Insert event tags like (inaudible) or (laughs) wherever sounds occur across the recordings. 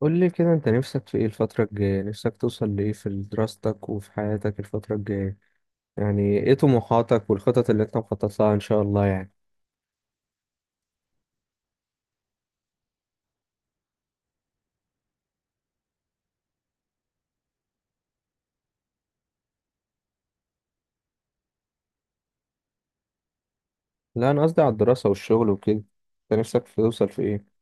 قول لي كده، انت نفسك في ايه الفترة الجاية؟ نفسك توصل لايه في دراستك وفي حياتك الفترة الجاية؟ يعني ايه طموحاتك والخطط اللي انت مخطط لها ان شاء الله يعني. لا، انا قصدي على الدراسة والشغل وكده. انت نفسك في توصل في ايه؟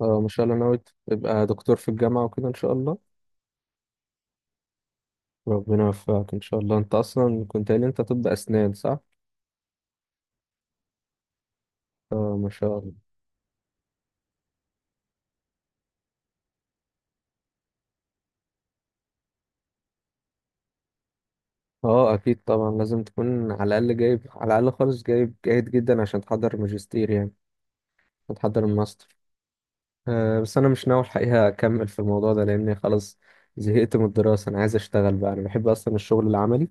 اه، ما شاء الله، ناوي تبقى دكتور في الجامعة وكده ان شاء الله. ربنا يوفقك ان شاء الله. انت اصلا كنت قايل، انت طب اسنان، صح؟ اه، ما شاء الله. اه، اكيد طبعا لازم تكون على الاقل جايب، على الاقل خالص جايب جيد جدا عشان تحضر ماجستير يعني، وتحضر الماستر. أه، بس انا مش ناوي الحقيقه اكمل في الموضوع ده لاني خلاص زهقت من الدراسه. انا عايز اشتغل بقى، انا بحب اصلا الشغل العملي،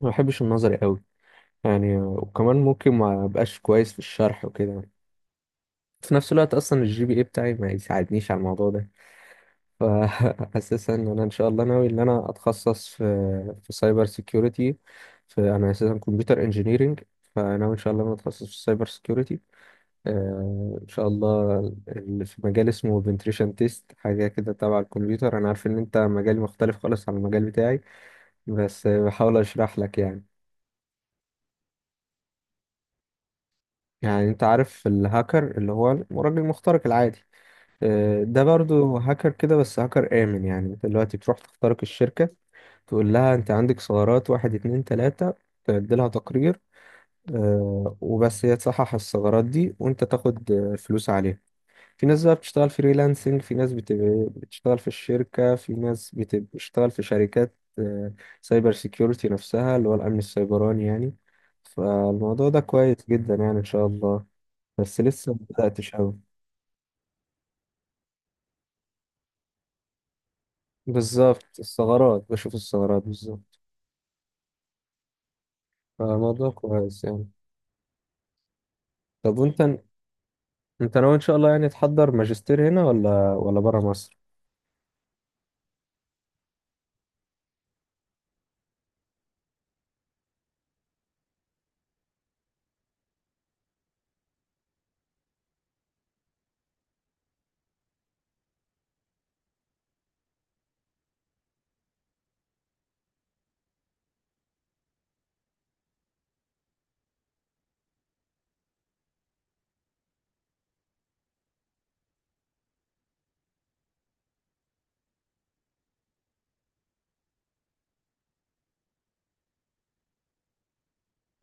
ما بحبش النظري قوي يعني. وكمان ممكن ما ابقاش كويس في الشرح وكده. في نفس الوقت اصلا الجي بي اي بتاعي ما يساعدنيش على الموضوع ده. فاساسا (laughs) ان انا ان شاء الله ناوي ان انا اتخصص في سايبر سيكيورتي. في انا اساسا كمبيوتر انجينيرينج. فناوي ان شاء الله ان انا اتخصص في السايبر سيكيورتي، ان شاء الله. اللي في مجال اسمه بنتريشن تيست، حاجه كده تبع الكمبيوتر. انا عارف ان انت مجال مختلف خالص عن المجال بتاعي، بس بحاول اشرح لك يعني. يعني انت عارف الهاكر اللي هو الراجل المخترق العادي؟ ده برضو هاكر كده، بس هاكر امن. يعني انت دلوقتي بتروح تخترق الشركه، تقول لها انت عندك ثغرات واحد اتنين تلاتة، تعدلها تقرير، وبس هي تصحح الثغرات دي، وانت تاخد فلوس عليها. في ناس بقى بتشتغل فريلانسنج، في ناس بتبقى بتشتغل في الشركة، في ناس بتبقى بتشتغل في شركات سايبر سيكيورتي نفسها اللي هو الأمن السيبراني يعني. فالموضوع ده كويس جدا يعني، إن شاء الله. بس لسه ما بدأتش أوي. بالظبط الثغرات، بشوف الثغرات بالظبط. فالموضوع كويس يعني. طب وأنت؟ أنت ناوي إن شاء الله يعني تحضر ماجستير هنا ولا برا مصر؟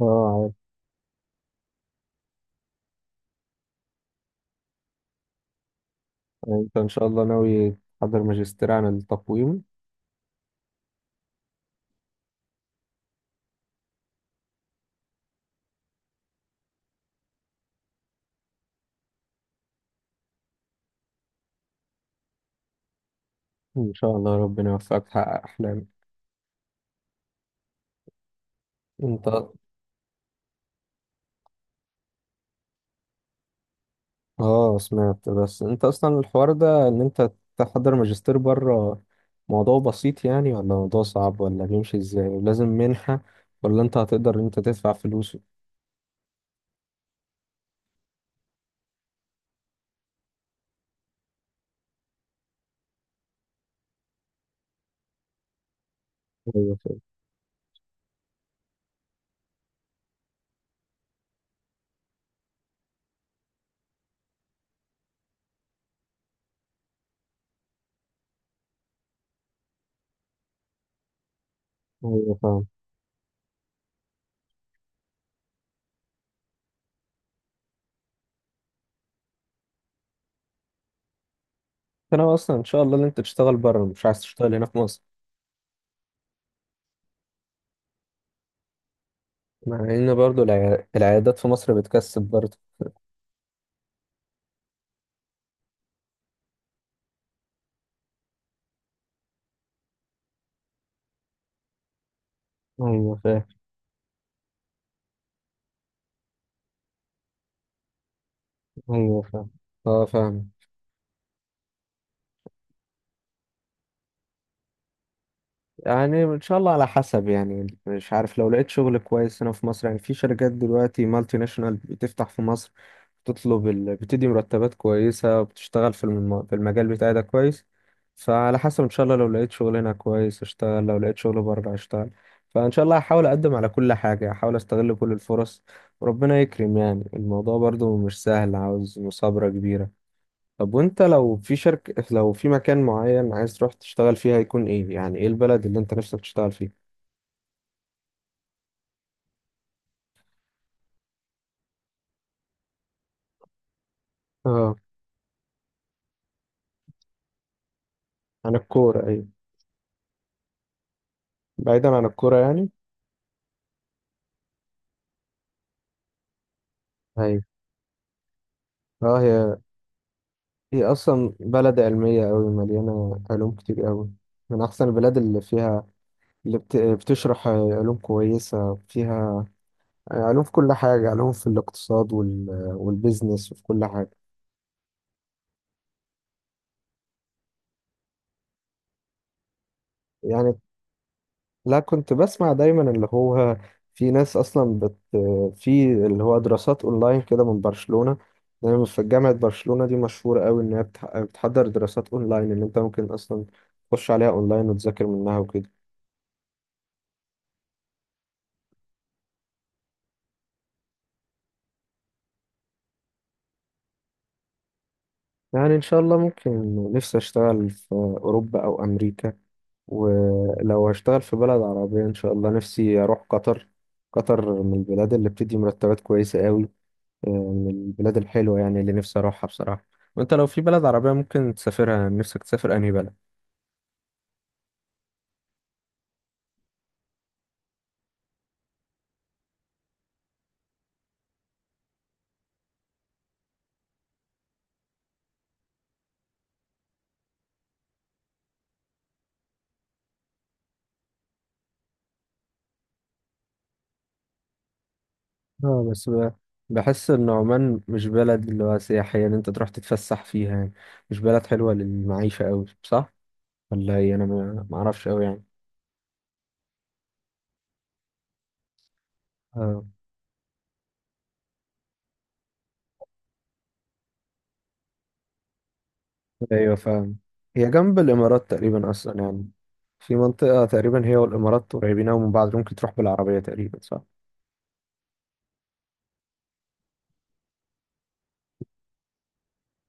اه، عارف. يعني أنت إن شاء الله ناوي تحضر ماجستير عن التقويم. إن شاء الله ربنا يوفقك تحقق أحلامك. انت، اه، سمعت. بس انت اصلا الحوار ده ان انت تحضر ماجستير بره، موضوع بسيط يعني، ولا موضوع صعب؟ ولا بيمشي ازاي ولازم منحة، ولا انت هتقدر ان انت تدفع فلوس؟ ايوه، فاهم. ايوه، فاهم. انت ناوي اصلا ان شاء الله ان انت تشتغل بره، مش عايز تشتغل هنا في مصر؟ مع ان برضو العيادات في مصر بتكسب برضو. ايوه، فاهم. ايوه، فاهم. اه، فاهم. يعني ان شاء الله على حسب، يعني مش عارف. لو لقيت شغل كويس هنا في مصر، يعني في شركات دلوقتي مالتي ناشونال بتفتح في مصر، بتطلب بتدي مرتبات كويسة، وبتشتغل في المجال بتاعي ده كويس. فعلى حسب ان شاء الله، لو لقيت شغل هنا كويس اشتغل، لو لقيت شغل بره اشتغل. فان شاء الله هحاول اقدم على كل حاجة، هحاول استغل كل الفرص. وربنا يكرم يعني. الموضوع برضو مش سهل، عاوز مثابرة كبيرة. طب وانت لو في شركة، لو في مكان معين عايز تروح تشتغل فيه، هيكون ايه؟ يعني ايه البلد اللي انت نفسك تشتغل فيها؟ اه، عن الكورة، ايوه. بعيدا عن الكورة يعني. ايوه. اه، هي اصلا بلد علمية قوي، مليانة علوم كتير قوي. من احسن البلاد اللي فيها، اللي بتشرح علوم كويسة فيها. علوم في كل حاجة، علوم في الاقتصاد والبيزنس وفي كل حاجة. يعني لا، كنت بسمع دايما اللي هو في ناس اصلا في اللي هو دراسات اونلاين كده من برشلونة. دايما في جامعة برشلونة دي مشهورة قوي ان هي بتحضر دراسات اونلاين، ان انت ممكن اصلا تخش عليها اونلاين وتذاكر منها وكده. يعني ان شاء الله ممكن، نفسي اشتغل في اوروبا او امريكا. ولو هشتغل في بلد عربية، ان شاء الله نفسي اروح قطر. قطر من البلاد اللي بتدي مرتبات كويسة قوي، من البلاد الحلوة يعني اللي نفسي أروحها بصراحة. وأنت لو في بلد عربية ممكن تسافرها، نفسك تسافر أنهي بلد؟ اه، بس بحس إن عمان مش بلد اللي هو سياحية إن أنت تروح تتفسح فيها يعني. مش بلد حلوة للمعيشة أوي، صح؟ ولا هي، أنا ما أعرفش أوي يعني. اه، أيوة فاهم. هي جنب الإمارات تقريبا أصلا يعني. في منطقة تقريبا هي والإمارات قريبين أوي من بعض، ممكن تروح بالعربية تقريبا، صح؟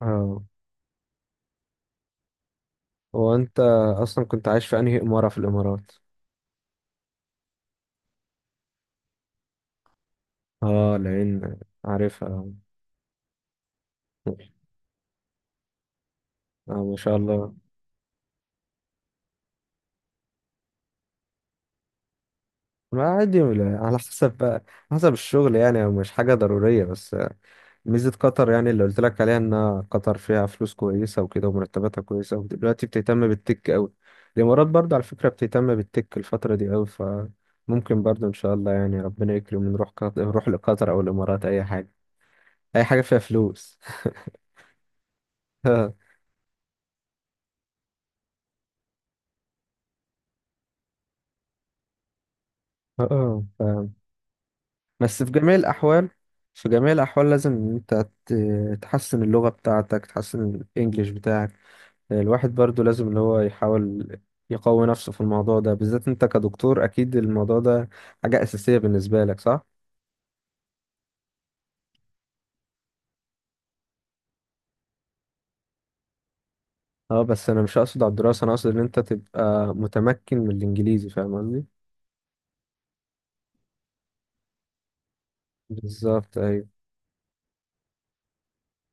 اه. هو أنت أصلا كنت عايش في أنهي إمارة في الإمارات؟ اه، العين. عارفها، اه. ما شاء الله. ما، عادي على حسب بقى. حسب الشغل يعني، مش حاجة ضرورية. بس ميزة قطر يعني اللي قلت لك عليها، ان قطر فيها فلوس كويسة وكده، ومرتباتها كويسة، ودلوقتي بتهتم بالتك قوي. الامارات برضه على فكرة بتهتم بالتك الفترة دي قوي، فممكن برضه ان شاء الله يعني ربنا يكرم ونروح قطر، نروح لقطر او الامارات، اي حاجة. اي حاجة فيها فلوس. (laughs) اه، بس في جميع الأحوال، في جميع الأحوال لازم إن أنت تحسن اللغة بتاعتك، تحسن الإنجليش بتاعك. الواحد برضو لازم اللي هو يحاول يقوي نفسه في الموضوع ده. بالذات أنت كدكتور أكيد الموضوع ده حاجة أساسية بالنسبة لك، صح؟ اه، بس أنا مش أقصد على الدراسة، أنا أقصد إن أنت تبقى متمكن من الإنجليزي، فاهم قصدي؟ بالظبط، أيوة.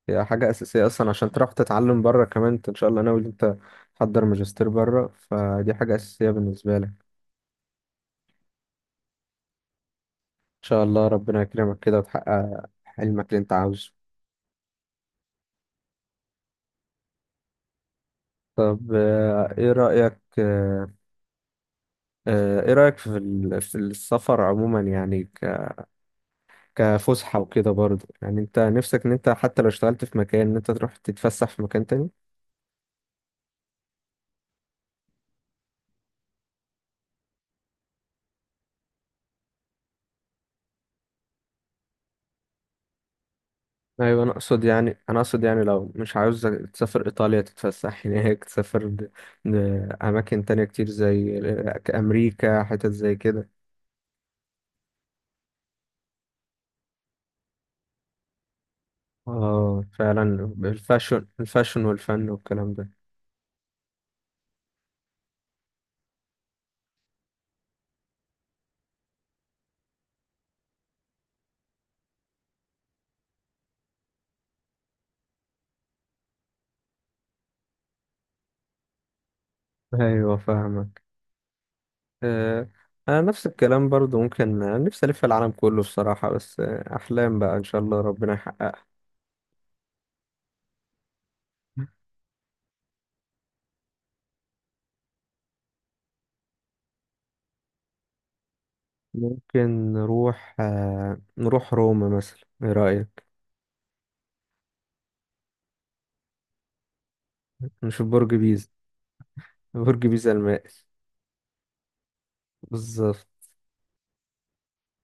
هي حاجة أساسية أصلا عشان تروح تتعلم بره. كمان أنت إن شاء الله ناوي إن أنت تحضر ماجستير بره، فدي حاجة أساسية بالنسبة لك. شاء الله ربنا يكرمك كده وتحقق حلمك اللي انت عاوزه. طب، ايه رأيك، ايه رأيك في السفر عموما يعني، كفسحة وكده برضه؟ يعني انت نفسك ان انت حتى لو اشتغلت في مكان، ان انت تروح تتفسح في مكان تاني. ايوه، انا اقصد يعني، انا اقصد يعني لو مش عاوز تسافر ايطاليا تتفسح (laughs) هناك، تسافر اماكن تانية كتير زي امريكا، حتت زي كده. اه، فعلا، الفاشن، الفاشن والفن والكلام ده. ايوه، فاهمك. آه، انا نفس الكلام برضو، ممكن، نفسي الف العالم كله بصراحة، بس احلام بقى، ان شاء الله ربنا يحققها. ممكن نروح روما مثلا، ايه رأيك؟ نشوف برج بيزا. برج بيزا المائل. بالظبط.